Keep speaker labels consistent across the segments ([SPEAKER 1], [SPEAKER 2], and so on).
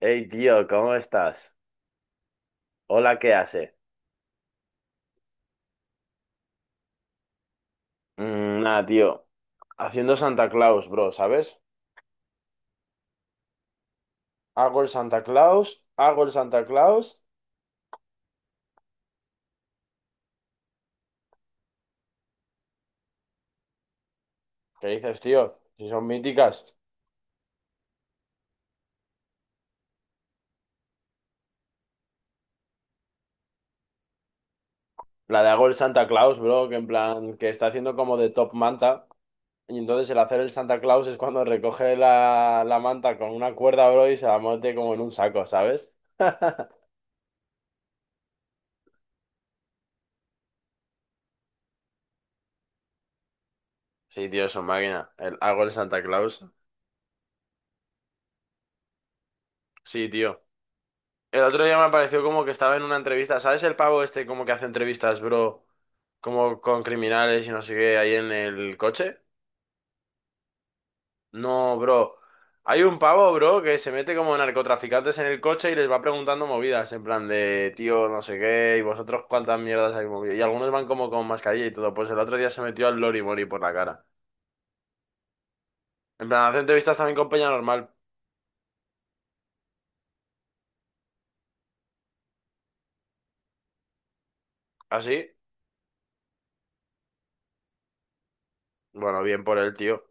[SPEAKER 1] Hey, tío, ¿cómo estás? Hola, ¿qué hace? Mm, nada, tío. Haciendo Santa Claus, bro, ¿sabes? Hago el Santa Claus, hago el Santa Claus. ¿Qué dices, tío? Si son míticas. La de hago el Santa Claus, bro, que en plan, que está haciendo como de top manta. Y entonces el hacer el Santa Claus es cuando recoge la manta con una cuerda, bro, y se la mete como en un saco, ¿sabes? Sí, tío, es una máquina. El, hago el Santa Claus. Sí, tío. El otro día me pareció como que estaba en una entrevista. ¿Sabes el pavo este como que hace entrevistas, bro? Como con criminales y no sé qué, ahí en el coche. No, bro. Hay un pavo, bro, que se mete como narcotraficantes en el coche y les va preguntando movidas, en plan de, tío, no sé qué, y vosotros cuántas mierdas hay movido. Y algunos van como con mascarilla y todo. Pues el otro día se metió al Lori Mori por la cara. En plan, hace entrevistas también con Peña normal. ¿Así? Bueno, bien por él, tío.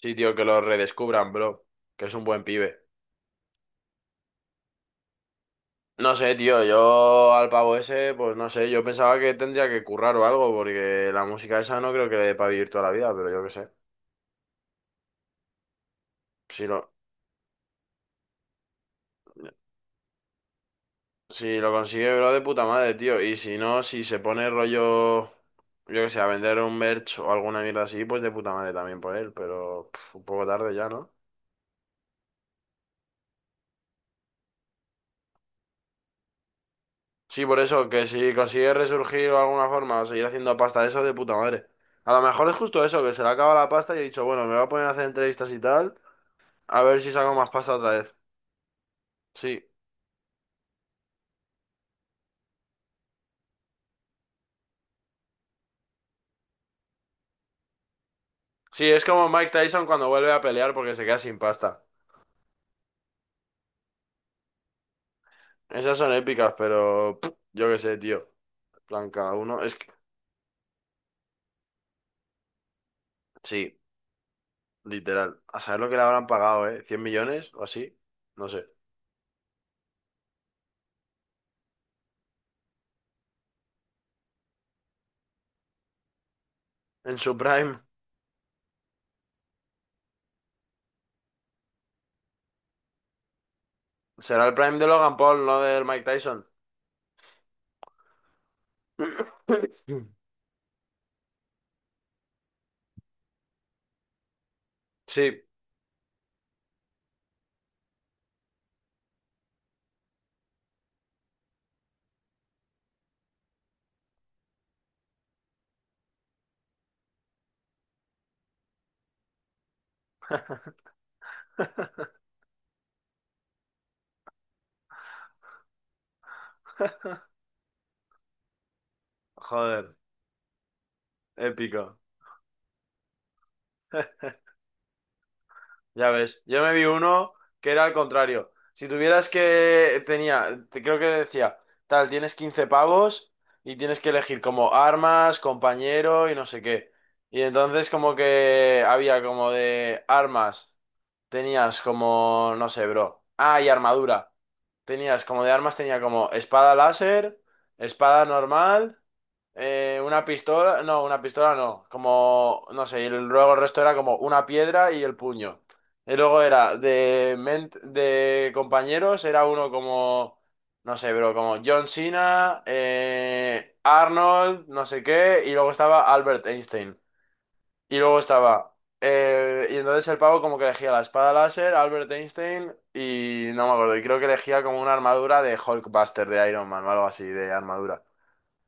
[SPEAKER 1] Sí, tío, que lo redescubran, bro. Que es un buen pibe. No sé, tío, yo al pavo ese, pues no sé, yo pensaba que tendría que currar o algo, porque la música esa no creo que le dé para vivir toda la vida, pero yo qué sé. Si lo, si lo consigue, bro, de puta madre, tío. Y si no, si se pone rollo, yo qué sé, a vender un merch o alguna mierda así, pues de puta madre también por él, pero pf, un poco tarde ya, ¿no? Sí, por eso, que si consigue resurgir de alguna forma o seguir haciendo pasta, eso de puta madre. A lo mejor es justo eso, que se le acaba la pasta y he dicho, bueno, me voy a poner a hacer entrevistas y tal, a ver si saco más pasta otra vez. Sí. Sí, es como Mike Tyson cuando vuelve a pelear porque se queda sin pasta. Esas son épicas, pero pff, yo qué sé, tío. En plan, cada uno. Es que, sí, literal. A saber lo que le habrán pagado, ¿eh? ¿100 millones o así? No sé. En su prime. Será el prime de Logan Paul, no del Mike Tyson. Sí, joder, épico. Ya ves, yo me vi uno que era al contrario. Si tuvieras que, tenía, creo que decía, tal, tienes 15 pavos y tienes que elegir como armas, compañero y no sé qué. Y entonces como que había como de armas. Tenías como, no sé, bro. Ah, y armadura. Tenías como de armas, tenía como espada láser, espada normal, una pistola no, como, no sé, y luego el resto era como una piedra y el puño. Y luego era de, de compañeros, era uno como, no sé, bro, como John Cena, Arnold, no sé qué, y luego estaba Albert Einstein. Y luego estaba. Eh, y entonces el pavo como que elegía la espada láser, Albert Einstein y no me acuerdo. Y creo que elegía como una armadura de Hulkbuster, de Iron Man o algo así, de armadura.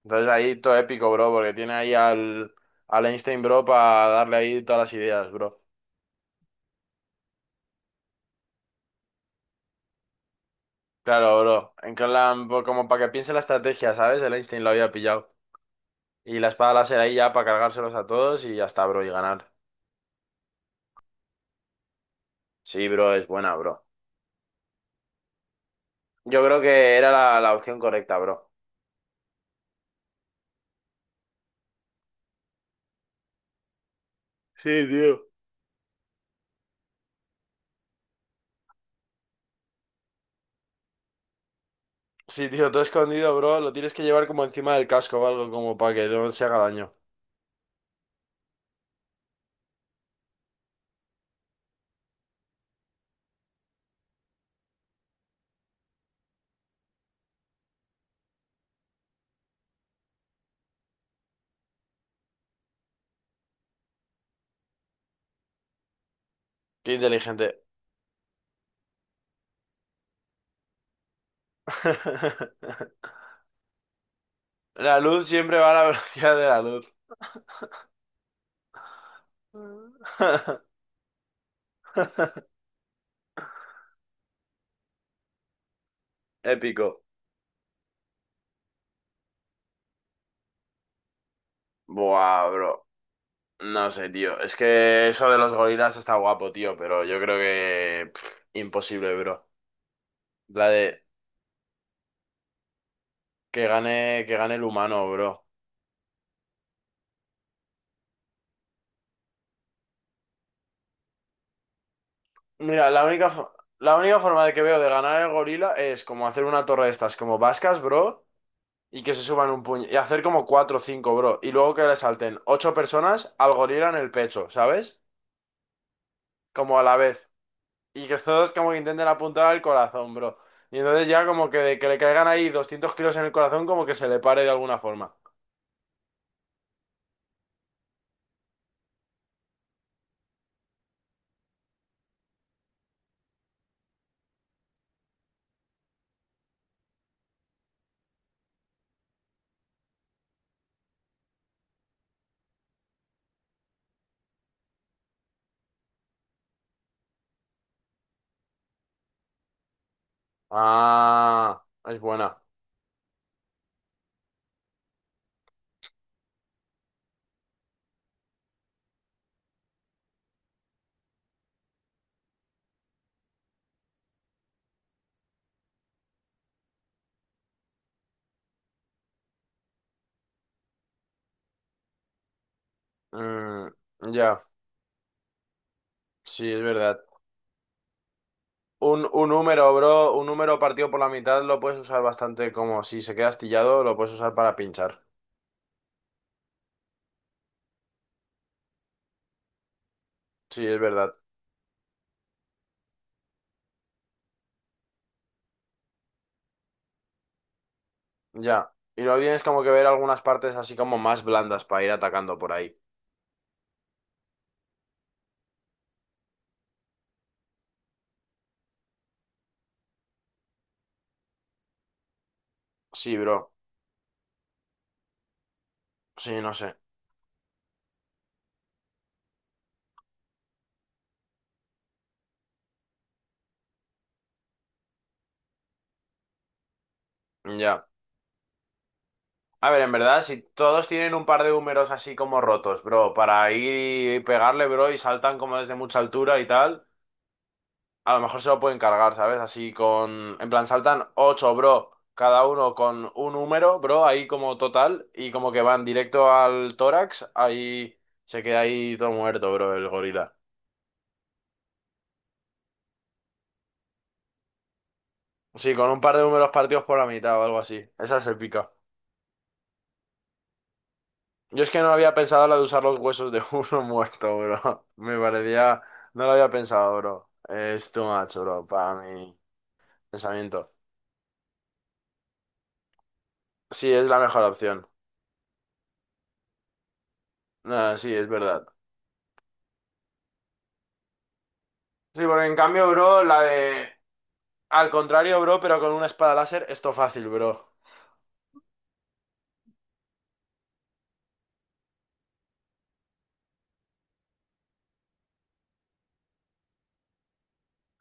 [SPEAKER 1] Entonces ahí todo épico, bro, porque tiene ahí al, al Einstein, bro, para darle ahí todas las ideas, bro. Claro, bro. En plan, como para que piense la estrategia, ¿sabes? El Einstein lo había pillado. Y la espada láser ahí ya para cargárselos a todos y ya está, bro, y ganar. Sí, bro, es buena, bro. Yo creo que era la opción correcta, bro. Sí, tío. Sí, tío, todo escondido, bro. Lo tienes que llevar como encima del casco o algo, como para que no se haga daño. Qué inteligente. La luz siempre va a la velocidad de la luz. Épico. Buah, bro. No sé, tío. Es que eso de los gorilas está guapo, tío, pero yo creo que pff, imposible, bro. La de que gane el humano, bro. Mira, la única, la única forma de que veo de ganar el gorila es como hacer una torre de estas como vascas, bro. Y que se suban un puño. Y hacer como cuatro o cinco, bro. Y luego que le salten ocho personas al gorila en el pecho, ¿sabes? Como a la vez. Y que todos como que intenten apuntar al corazón, bro. Y entonces ya como que, de que le caigan ahí 200 kilos en el corazón, como que se le pare de alguna forma. Ah, es buena. Mm, ya, sí, es verdad. Un número, bro, un número partido por la mitad lo puedes usar bastante como si se queda astillado, lo puedes usar para pinchar. Sí, es verdad. Ya. Y luego tienes como que ver algunas partes así como más blandas para ir atacando por ahí. Sí, bro. Sí, no sé. Ya. A ver, en verdad, si todos tienen un par de húmeros así como rotos, bro, para ir y pegarle, bro, y saltan como desde mucha altura y tal, a lo mejor se lo pueden cargar, ¿sabes? Así con... En plan, saltan ocho, bro, cada uno con un húmero, bro, ahí como total, y como que van directo al tórax, ahí se queda ahí todo muerto, bro, el gorila. Sí, con un par de números partidos por la mitad o algo así. Esa se pica. Yo es que no había pensado la de usar los huesos de uno muerto, bro. Me parecía... No lo había pensado, bro. Es too much, bro, para mi pensamiento. Sí, es la mejor opción. No, sí, es verdad. Sí, porque en cambio, bro, la de... Al contrario, bro, pero con una espada láser, esto fácil, bro.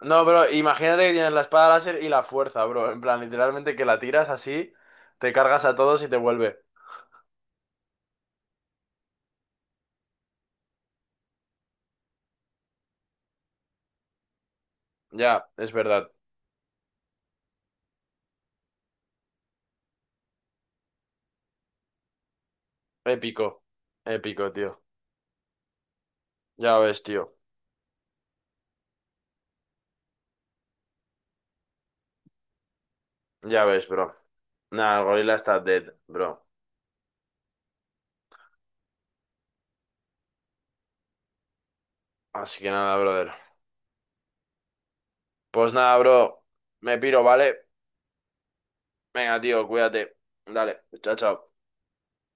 [SPEAKER 1] No, bro, imagínate que tienes la espada láser y la fuerza, bro. En plan, literalmente que la tiras así, te cargas a todos y te vuelve. Ya, es verdad. Épico, épico, tío. Ya ves, tío. Ya ves, bro. Nada, el gorila está dead, bro. Así que nada, brother. Pues nada, bro. Me piro, ¿vale? Venga, tío, cuídate. Dale, chao, chao.